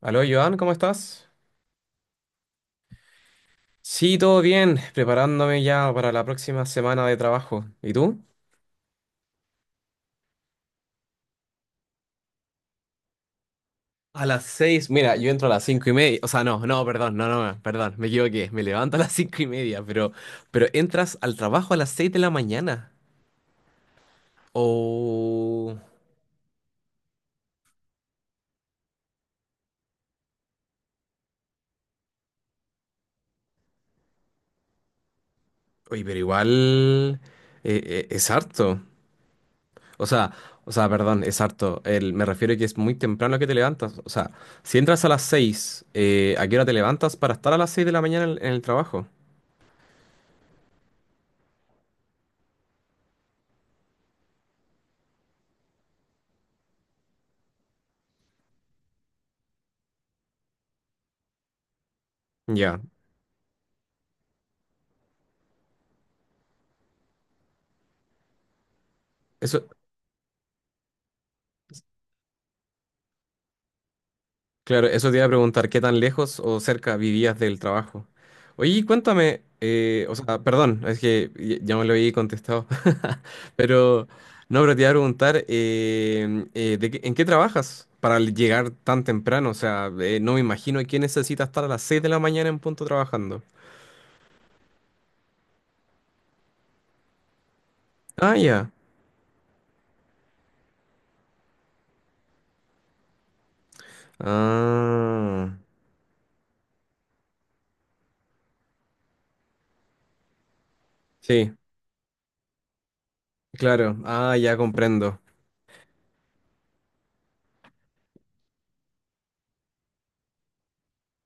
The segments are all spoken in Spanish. Aló, Joan, ¿cómo estás? Sí, todo bien, preparándome ya para la próxima semana de trabajo. ¿Y tú? A las seis, mira, yo entro a las 5:30, o sea, no, no, perdón, no, no, no, perdón, me equivoqué, me levanto a las 5:30, pero entras al trabajo a las seis de la mañana. O... Oye, pero igual, es harto, o sea, o sea, perdón, es harto, me refiero a que es muy temprano que te levantas, o sea, si entras a las seis, ¿a qué hora te levantas para estar a las seis de la mañana en el trabajo? Ya. Eso, claro, eso te iba a preguntar, ¿qué tan lejos o cerca vivías del trabajo? Oye, y cuéntame, o sea, perdón, es que ya me lo había contestado. Pero no, pero te iba a preguntar, en qué trabajas para llegar tan temprano? O sea, no me imagino que necesitas estar a las seis de la mañana en punto trabajando. Ah, ya. Ah, sí, claro. Ah, ya comprendo.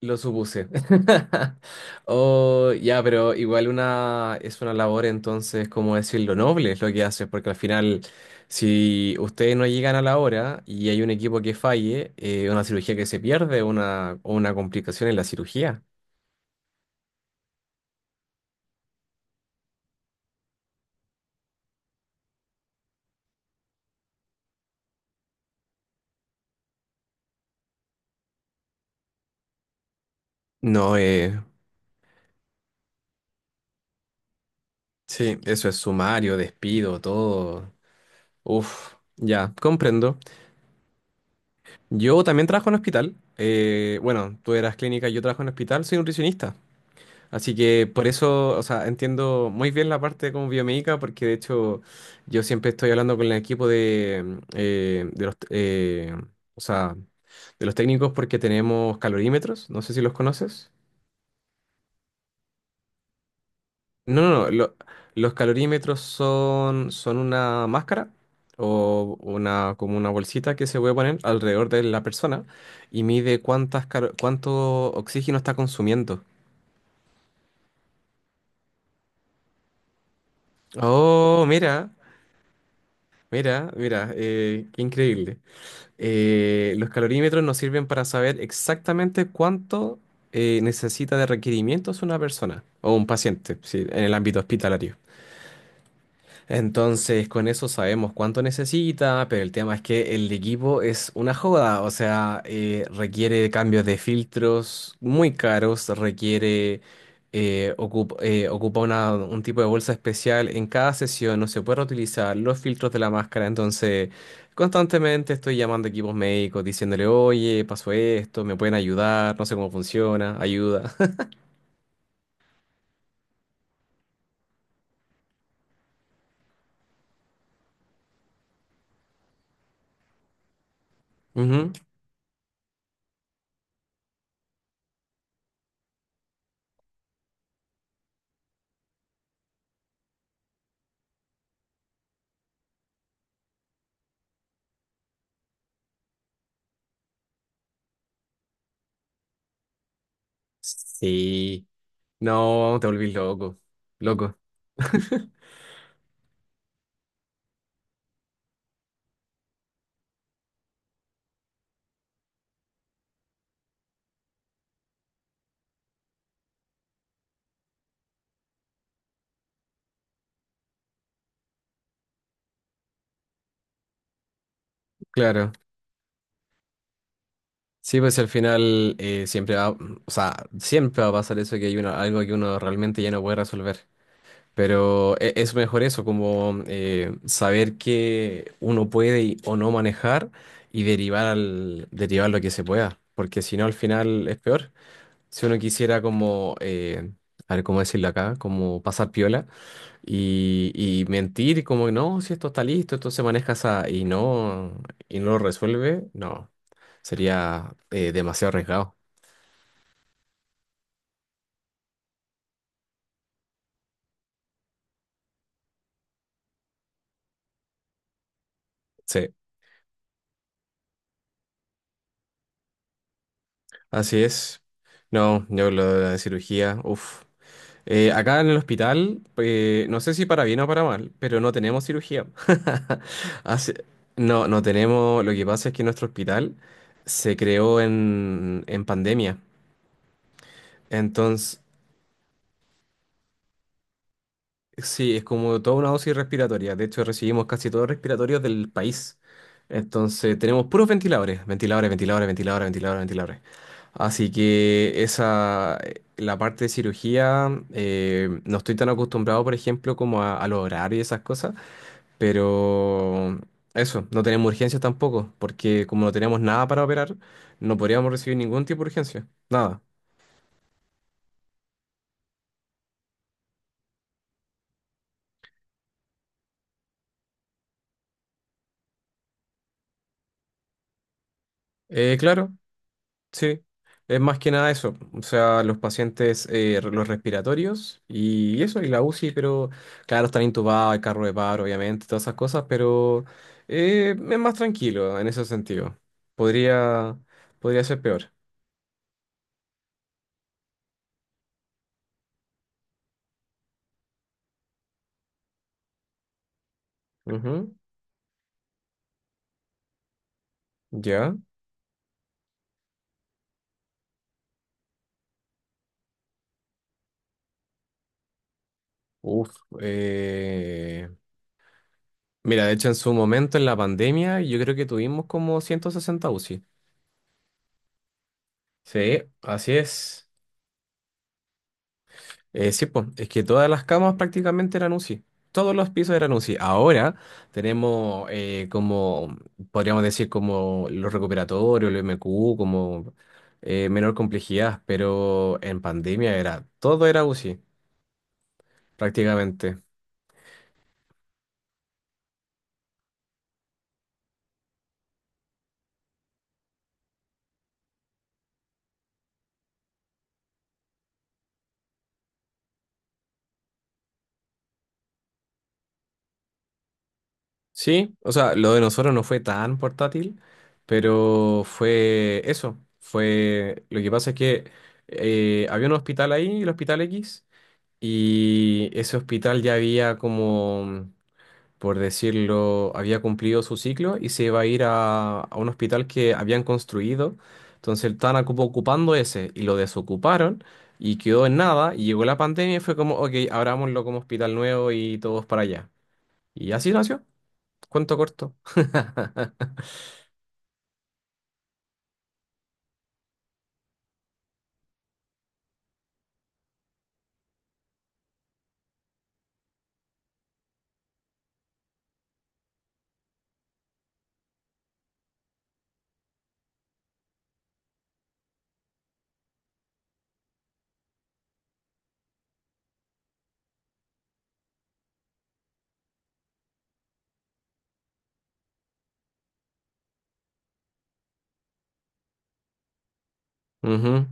Lo supuse. Oh, ya, pero igual una es una labor entonces, como decirlo, noble es lo que haces, porque al final, si ustedes no llegan a la hora y hay un equipo que falle, una cirugía que se pierde, o una complicación en la cirugía. No, sí, eso es sumario, despido, todo. Uf, ya, comprendo. Yo también trabajo en hospital. Bueno, tú eras clínica, yo trabajo en hospital, soy nutricionista. Así que por eso, o sea, entiendo muy bien la parte como biomédica, porque de hecho yo siempre estoy hablando con el equipo de, mm, de los, o sea, de los técnicos, porque tenemos calorímetros, no sé si los conoces. No, no, no. Los calorímetros son una máscara o una, como una bolsita que se puede poner alrededor de la persona y mide cuánto oxígeno está consumiendo. Oh, mira, qué increíble. Los calorímetros nos sirven para saber exactamente cuánto necesita de requerimientos una persona o un paciente, sí, en el ámbito hospitalario. Entonces, con eso sabemos cuánto necesita, pero el tema es que el equipo es una joda, o sea, requiere cambios de filtros muy caros, requiere, ocupa un tipo de bolsa especial en cada sesión, no se puede reutilizar los filtros de la máscara, entonces constantemente estoy llamando a equipos médicos diciéndole, oye, pasó esto, me pueden ayudar, no sé cómo funciona, ayuda. Ujú. Sí, no, te volvís loco, loco. Claro. Sí, pues al final, o sea, siempre va a pasar eso, que hay algo que uno realmente ya no puede resolver. Pero es mejor eso, como saber que uno puede o no manejar y derivar derivar lo que se pueda. Porque si no, al final es peor. Si uno quisiera como, a ver cómo decirlo acá, como pasar piola y mentir, como no, si esto está listo, esto se maneja así, y no lo resuelve, no. Sería demasiado arriesgado. Sí, así es. No, yo lo de la cirugía, uff. Acá en el hospital, no sé si para bien o para mal, pero no tenemos cirugía. Así- no, no tenemos. Lo que pasa es que nuestro hospital se creó en pandemia. Entonces, Sí, es como toda una dosis respiratoria. De hecho, recibimos casi todos los respiratorios del país. Entonces, tenemos puros ventiladores, ventiladores, ventiladores, ventiladores, ventiladores, ventiladores. Así que la parte de cirugía, no estoy tan acostumbrado, por ejemplo, como a los horarios y esas cosas, pero eso, no tenemos urgencias tampoco, porque como no tenemos nada para operar, no podríamos recibir ningún tipo de urgencia, nada. Claro. Sí, es más que nada eso, o sea, los pacientes, los respiratorios y eso, y la UCI, pero claro, están intubados, hay carro de paro, obviamente, todas esas cosas, pero es más tranquilo en ese sentido. Podría, podría ser peor. Ujú. Ya. Uf. eh, Mira, de hecho, en su momento, en la pandemia, yo creo que tuvimos como 160 UCI. Sí, así es. Sí, pues, es que todas las camas prácticamente eran UCI. Todos los pisos eran UCI. Ahora tenemos como, podríamos decir, como los recuperatorios, el MQ, como menor complejidad, pero en pandemia era, todo era UCI, prácticamente. Sí, o sea, lo de nosotros no fue tan portátil, pero fue eso. Lo que pasa es que había un hospital ahí, el Hospital X, y ese hospital ya había, como por decirlo, había cumplido su ciclo y se iba a ir a un hospital que habían construido. Entonces estaban ocupando ese y lo desocuparon y quedó en nada. Y llegó la pandemia y fue como, ok, abrámoslo como hospital nuevo y todos para allá. Y así nació. Cuento corto. Ujú.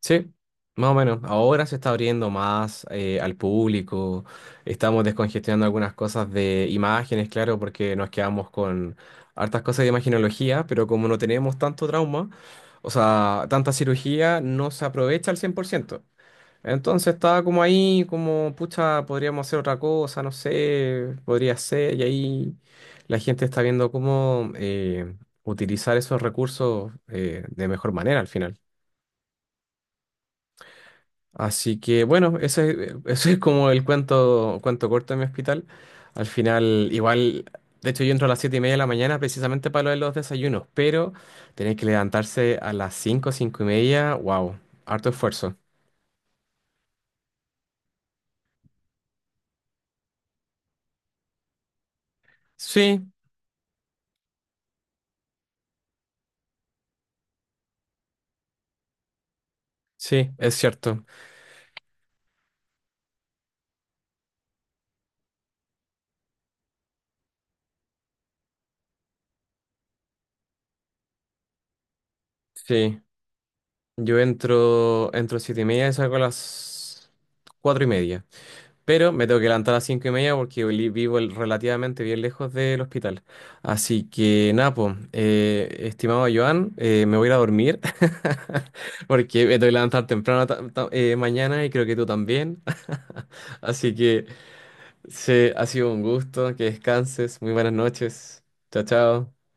Sí, más o menos. Ahora se está abriendo más al público. Estamos descongestionando algunas cosas de imágenes, claro, porque nos quedamos con hartas cosas de imagenología, pero como no tenemos tanto trauma, o sea, tanta cirugía, no se aprovecha al 100%. Entonces estaba como ahí, como, pucha, podríamos hacer otra cosa, no sé, podría ser, y ahí la gente está viendo cómo utilizar esos recursos de mejor manera al final. Así que bueno, ese es como cuento corto de mi hospital. Al final, igual, de hecho yo entro a las 7:30 de la mañana precisamente para lo de los desayunos, pero tener que levantarse a las 5, 5:30, wow, harto esfuerzo. Sí, sí, es cierto. Sí, yo entro, a las 7 y media y salgo a las 4:30. Pero me tengo que levantar a las 5:30 porque vivo relativamente bien lejos del hospital. Así que nada, po, estimado Joan, me voy a ir a dormir porque me tengo que levantar temprano mañana, y creo que tú también. Así que se ha sido un gusto, que descanses, muy buenas noches. Chao, chao.